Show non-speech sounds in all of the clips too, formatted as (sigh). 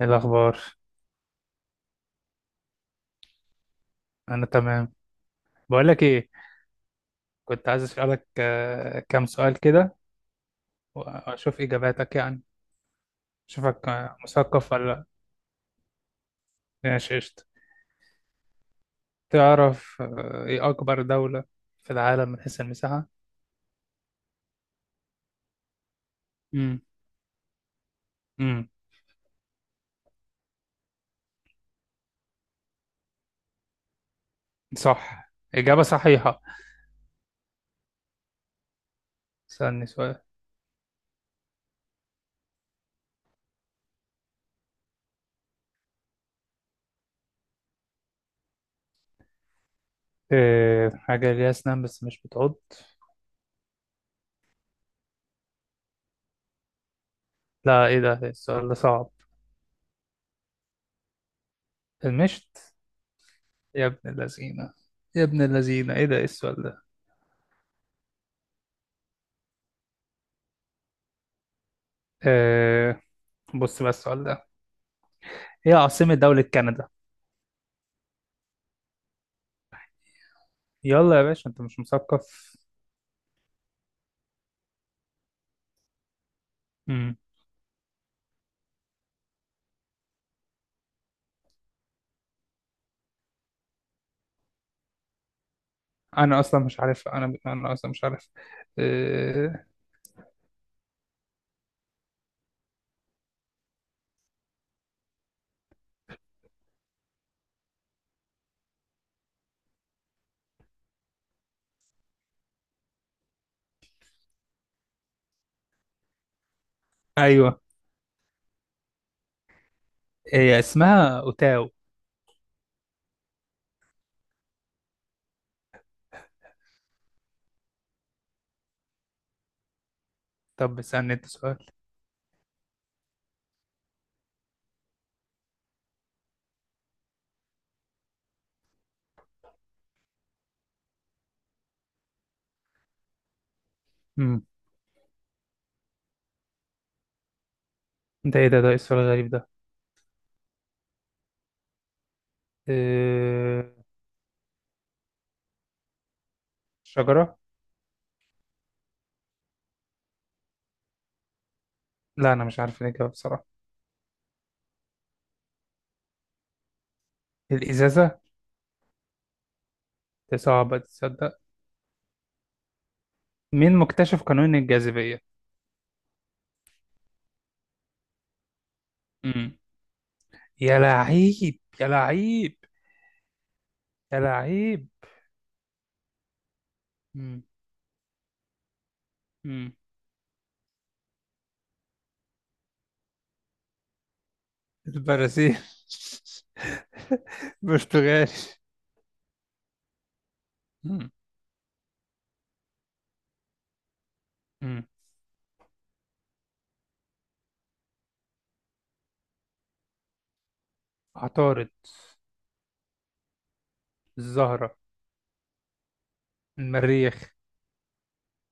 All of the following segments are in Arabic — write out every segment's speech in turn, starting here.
إيه الأخبار؟ أنا تمام. بقولك إيه. كنت عايز أسألك كام سؤال كده، وأشوف إجاباتك يعني. أشوفك مثقف ولا لأ؟ ماشي قشطة. تعرف إيه أكبر دولة في العالم من حيث المساحة؟ امم امم صح، إجابة صحيحة. استني سؤال. إيه حاجة ليها أسنان بس مش بتعض؟ لا إيه ده، السؤال ده صعب. المشت. يا ابن اللذينة، يا ابن اللذينة إيه ده إيه السؤال ده؟ إيه، بص بقى السؤال ده، هي عاصمة دولة كندا. يلا يا باشا انت مش مثقف. مم. انا اصلا مش عارف، انا اصلا مش عارف. اه... ايوه. هي اسمها اوتاو. طب اسالني انت سؤال. مم. انت ايه ده، ايه السؤال الغريب ده؟ اه... شجرة. لا انا مش عارف الاجابه بصراحه. الازازه. دي صعبه تصدق. مين مكتشف قانون الجاذبيه؟ مم. يا لعيب يا لعيب، يا لعيب. مم. مم. البرازيل. (laughs) برتغالي. مم. مم. عطارد. الزهرة. المريخ،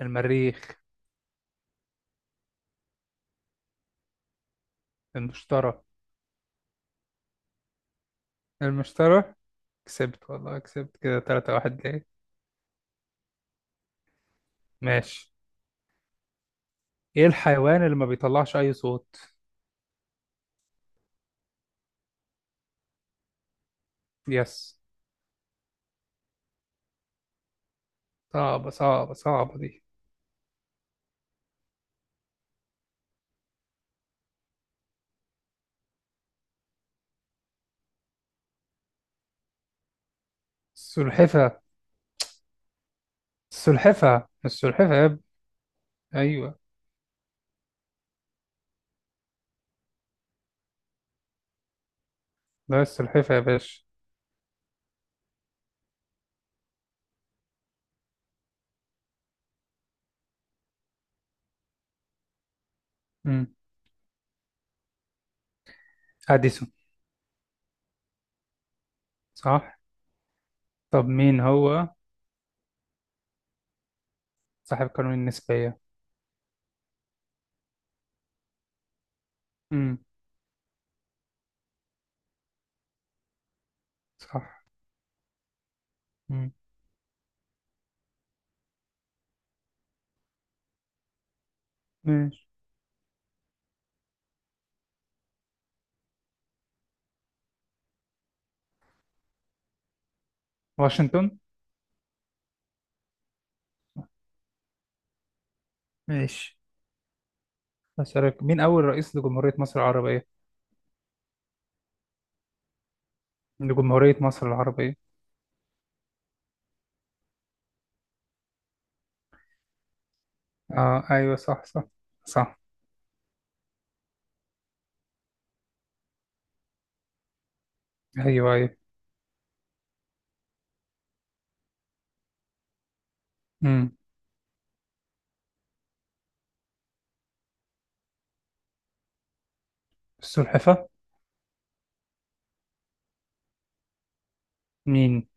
المريخ. المشتري، المشتري. كسبت والله، كسبت كده تلاتة واحد ليه. ماشي. ايه الحيوان اللي ما بيطلعش اي صوت؟ يس. صعبة صعبة صعبة دي. السلحفة. السلحفة السلحفة يا ابني. ايوه. لا السلحفة يا باشا. امم. اديسون. صح. طب مين هو صاحب قانون النسبية؟ امم. صح. امم. ماشي. واشنطن. ماشي. أسألك مين أول رئيس لجمهورية مصر العربية؟ لجمهورية مصر العربية. آه أيوة صح صح. صح. أيوة أيوة. أمم. السلحفة. مين؟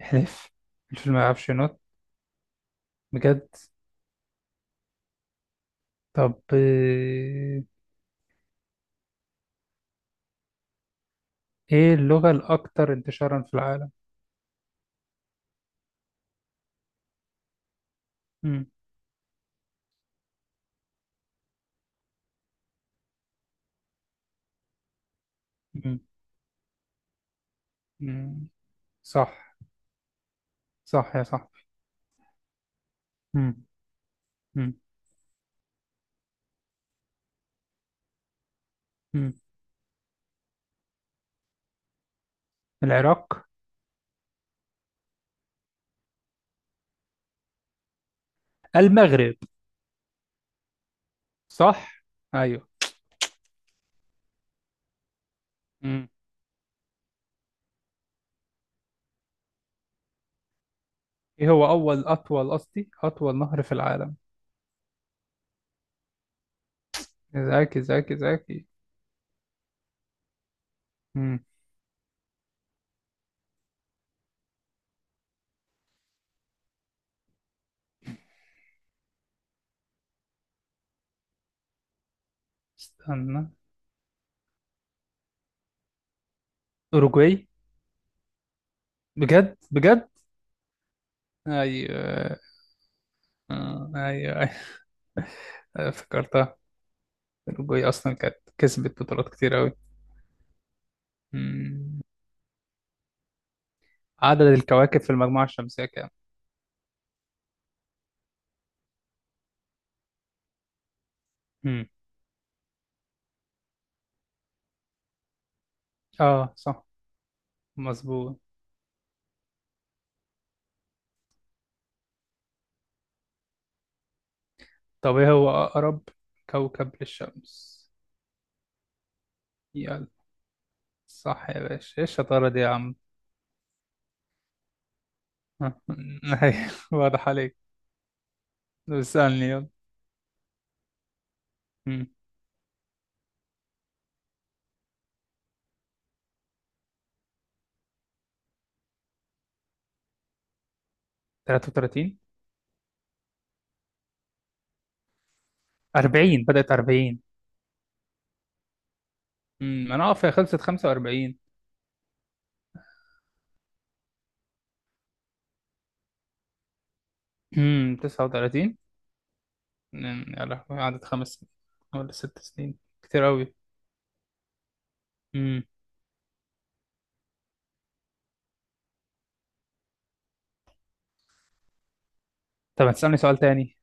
حلف. الفيلم ما يعرفش ينط؟ بجد. طب إيه اللغة الأكثر انتشارا في العالم؟ أمم. أمم. أمم. صح. صح يا صح. أمم. أمم. أمم. العراق. المغرب. صح. أيوة. أمم. إيه هو أول، أطول قصدي، أطول نهر في العالم؟ ذكي ذكي ذكي. أمم. استنى. أوروجواي. بجد بجد. ايوه. ايوه أيوة. افتكرتها. الجوي اصلا كانت كسبت بطولات كتير قوي. مم. عدد الكواكب في المجموعة الشمسية كام؟ مم. اه صح. مظبوط. طب ايه هو اقرب كوكب للشمس؟ يلا. صح يا باشا، ايه الشطارة دي يا عم. ها. (laughs) أيوة، واضح عليك. طب اسألني يلا. مم. 33. 40، بدأت 40. مم. انا اقف، هي خلصت 45. مم. 39. أمم، يا لهوي قعدت 5 سنين ولا 6 سنين. كتير أوي. امم. طب هتسألني سؤال تاني.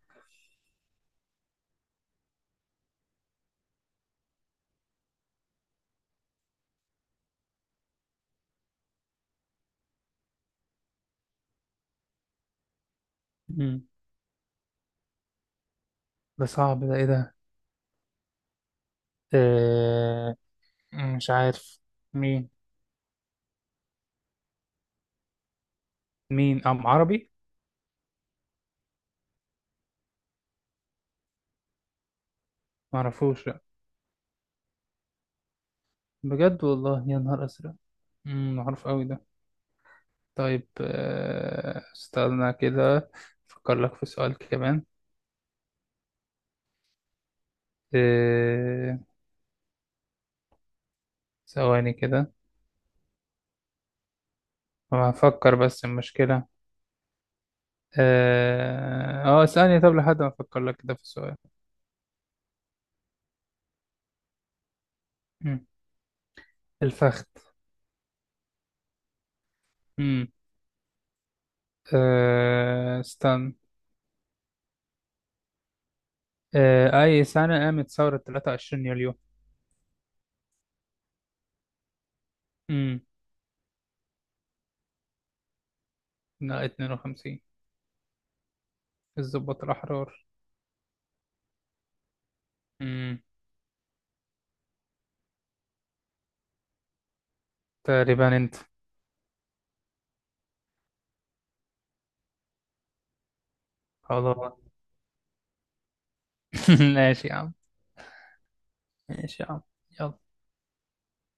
امم. ده صعب ده، إيه ده؟ آه... مش عارف. مين؟ مين أم عربي؟ معرفوش لأ. بجد والله، يا نهار أزرق. امم، معروف أوي ده. طيب استنى كده أفكر لك في سؤال كمان. آه، ثواني كده. ما هفكر بس المشكلة. اه ثانية، طب لحد ما أفكر لك كده في سؤال. مم. الفخذ. مم. استنى. أي سنة قامت ثورة 23 يوليو؟ مم. لا 52. الضباط الأحرار. مم. تقريبا أنت. خلاص. (laughs) ماشي يا عم. ماشي يا عم. يلا.